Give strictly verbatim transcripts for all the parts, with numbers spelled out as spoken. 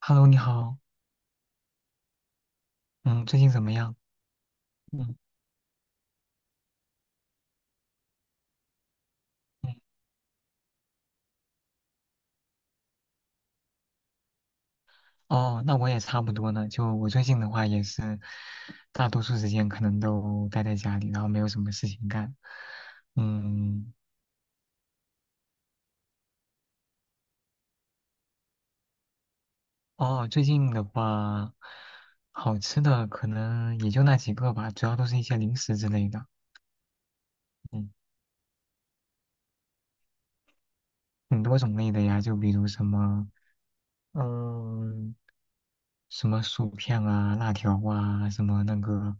Hello，你好，嗯，最近怎么样？嗯嗯，哦，那我也差不多呢。就我最近的话，也是大多数时间可能都待在家里，然后没有什么事情干。嗯，哦，最近的话，好吃的可能也就那几个吧，主要都是一些零食之类的，嗯，很多种类的呀，就比如什么，嗯。什么薯片啊、辣条啊、什么那个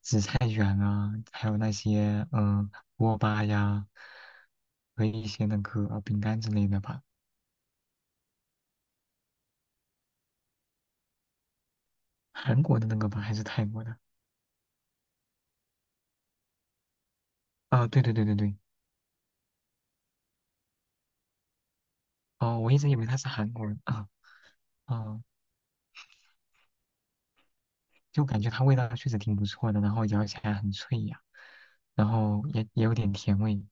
紫菜卷啊，还有那些嗯锅巴呀和一些那个呃饼干之类的吧。韩国的那个吧，还是泰国的？啊，对对对对对，哦，我一直以为他是韩国人啊，哦，就感觉它味道确实挺不错的，然后咬起来很脆呀，然后也也有点甜味。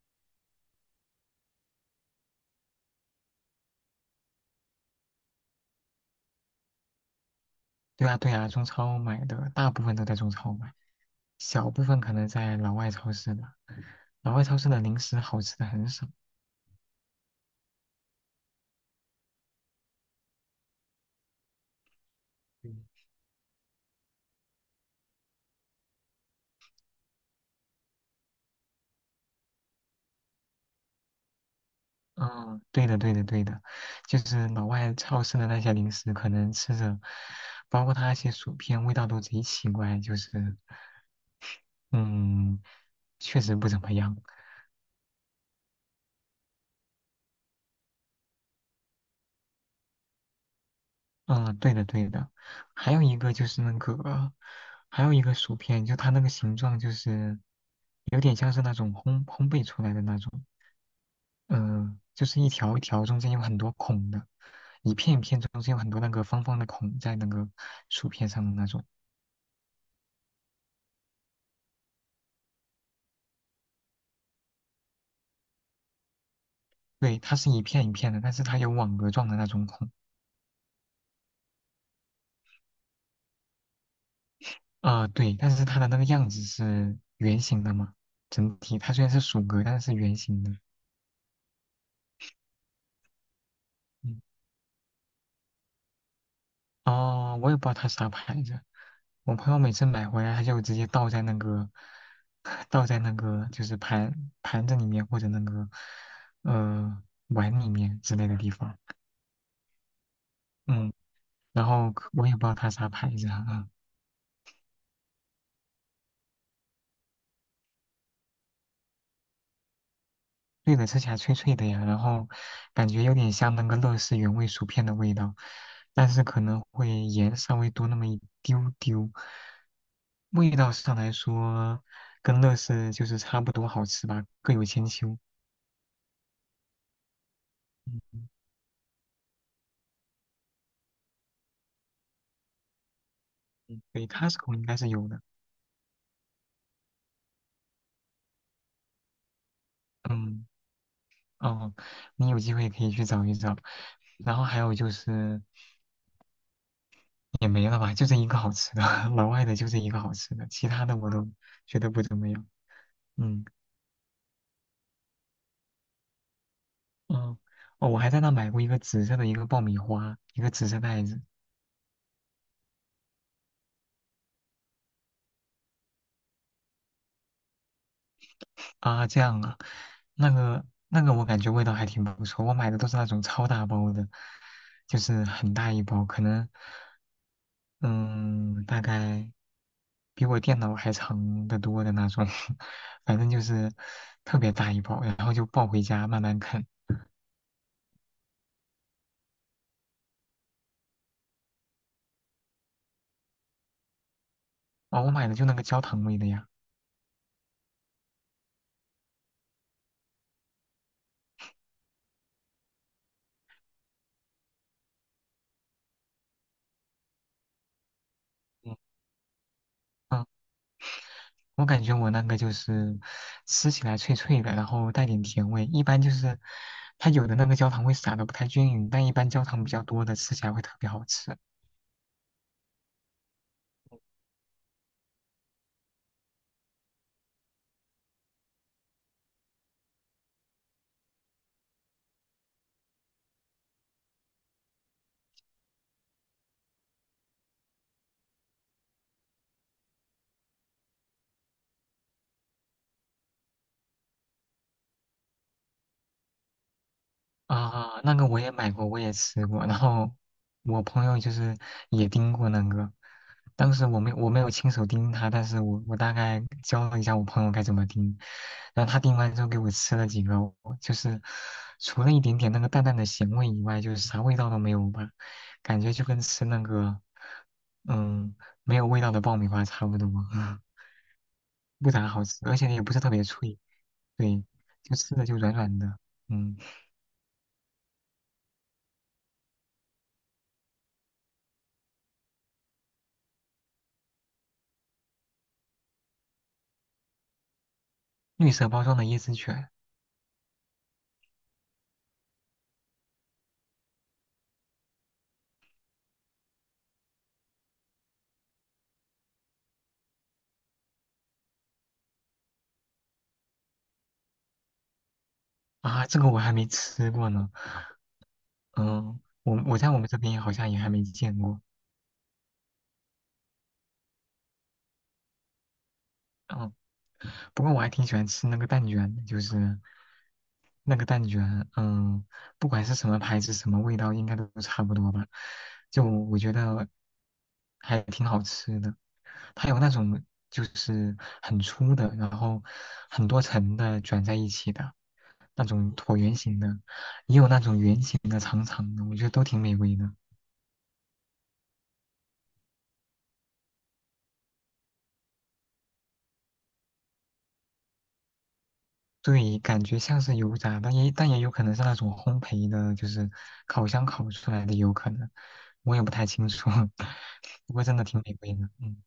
对啊对啊，中超买的大部分都在中超买，小部分可能在老外超市的。老外超市的零食好吃的很少。嗯，对的，对的，对的，就是老外超市的那些零食，可能吃着，包括它那些薯片，味道都贼奇怪，就是，嗯，确实不怎么样。嗯，对的，对的。还有一个就是那个，还有一个薯片，就它那个形状就是有点像是那种烘烘焙出来的那种，嗯、就是一条一条中间有很多孔的，一片一片中间有很多那个方方的孔在那个薯片上的那种。对，它是一片一片的，但是它有网格状的那种孔。啊，对，但是它的那个样子是圆形的嘛，整体它虽然是鼠格，但是是圆形的。嗯，哦，我也不知道它啥牌子，我朋友每次买回来，他就直接倒在那个，倒在那个就是盘盘子里面或者那个呃碗里面之类的地方。嗯，然后可我也不知道它啥牌子啊。嗯对的，吃起来脆脆的呀，然后感觉有点像那个乐事原味薯片的味道，但是可能会盐稍微多那么一丢丢。味道上来说，跟乐事就是差不多好吃吧，各有千秋。嗯嗯，对，Costco 应该是有的。嗯，哦，你有机会可以去找一找。然后还有就是也没了吧，就这一个好吃的，老外的就这一个好吃的，其他的我都觉得不怎么样。嗯。嗯，哦，我还在那买过一个紫色的一个爆米花，一个紫色袋子啊，这样啊，那个那个我感觉味道还挺不错，我买的都是那种超大包的，就是很大一包，可能嗯，大概比我电脑还长得多的那种，反正就是特别大一包，然后就抱回家慢慢啃。哦，我买的就那个焦糖味的呀，嗯我感觉我那个就是吃起来脆脆的，然后带点甜味。一般就是它有的那个焦糖会撒的不太均匀，但一般焦糖比较多的吃起来会特别好吃啊。那个我也买过，我也吃过，然后我朋友就是也盯过那个，当时我没我没有亲手盯他，但是我我大概教了一下我朋友该怎么盯，然后他盯完之后给我吃了几个，我就是除了一点点那个淡淡的咸味以外，就是啥味道都没有吧。感觉就跟吃那个嗯，没有味道的爆米花差不多，不咋好吃，而且也不是特别脆，对，就吃的就软软的。嗯，绿色包装的椰子卷啊，这个我还没吃过呢。嗯，我我在我们这边好像也还没见过。嗯。不过我还挺喜欢吃那个蛋卷的，就是那个蛋卷，嗯，不管是什么牌子、什么味道，应该都差不多吧。就我觉得还挺好吃的，它有那种就是很粗的，然后很多层的卷在一起的那种椭圆形的，也有那种圆形的、长长的，我觉得都挺美味的。对，感觉像是油炸，但也但也有可能是那种烘焙的，就是烤箱烤出来的，有可能，我也不太清楚。不过真的挺美味的，嗯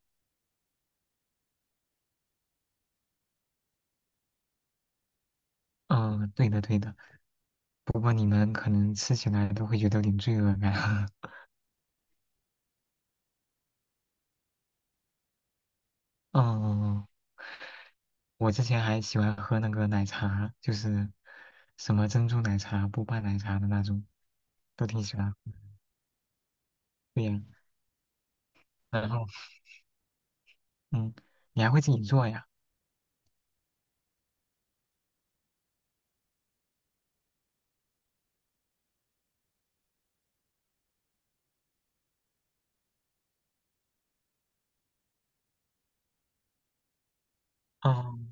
嗯，呃对的对的。不过你们可能吃起来都会觉得有点罪恶感。嗯，我之前还喜欢喝那个奶茶，就是什么珍珠奶茶、波霸奶茶的那种，都挺喜欢喝对呀，然后嗯，你还会自己做呀？嗯。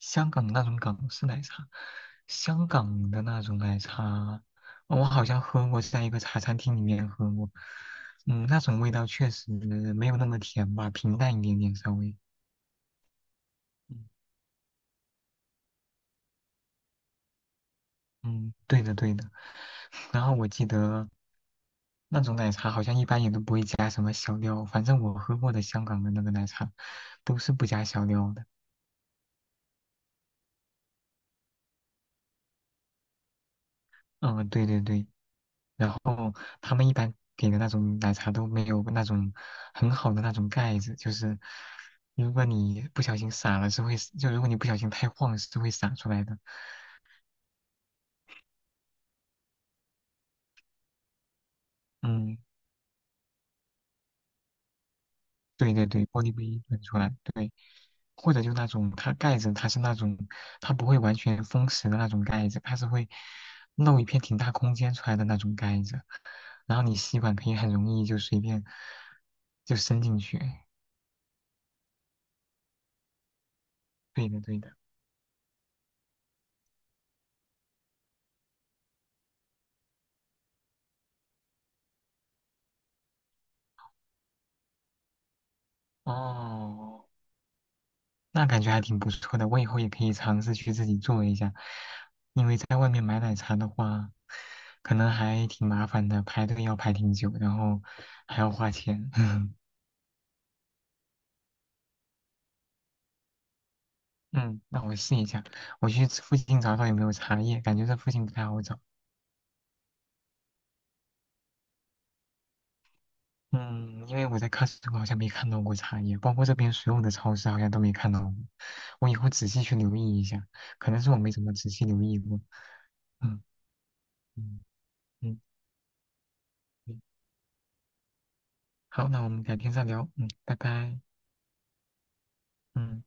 香港的那种港式奶茶，香港的那种奶茶，我好像喝过，在一个茶餐厅里面喝过。嗯，那种味道确实没有那么甜吧，平淡一点点稍微。嗯，嗯对的对的。然后我记得那种奶茶好像一般也都不会加什么小料，反正我喝过的香港的那个奶茶都是不加小料的。嗯，对对对。然后他们一般给的那种奶茶都没有那种很好的那种盖子，就是如果你不小心洒了是会，就如果你不小心太晃是会洒出来的。嗯，对对对，玻璃杯喷出来，对，或者就那种它盖子它是那种它不会完全封实的那种盖子，它是会露一片挺大空间出来的那种盖子，然后你吸管可以很容易就随便就伸进去。对的对的。哦，那感觉还挺不错的，我以后也可以尝试去自己做一下，因为在外面买奶茶的话，可能还挺麻烦的，排队要排挺久，然后还要花钱。嗯，那我试一下，我去附近找找有没有茶叶，感觉这附近不太好找。嗯，因为我在 c o s t 好像没看到过茶叶，包括这边所有的超市好像都没看到过。我以后仔细去留意一下，可能是我没怎么仔细留意过。嗯嗯嗯，嗯好，那我们改天再聊。嗯，拜拜。嗯，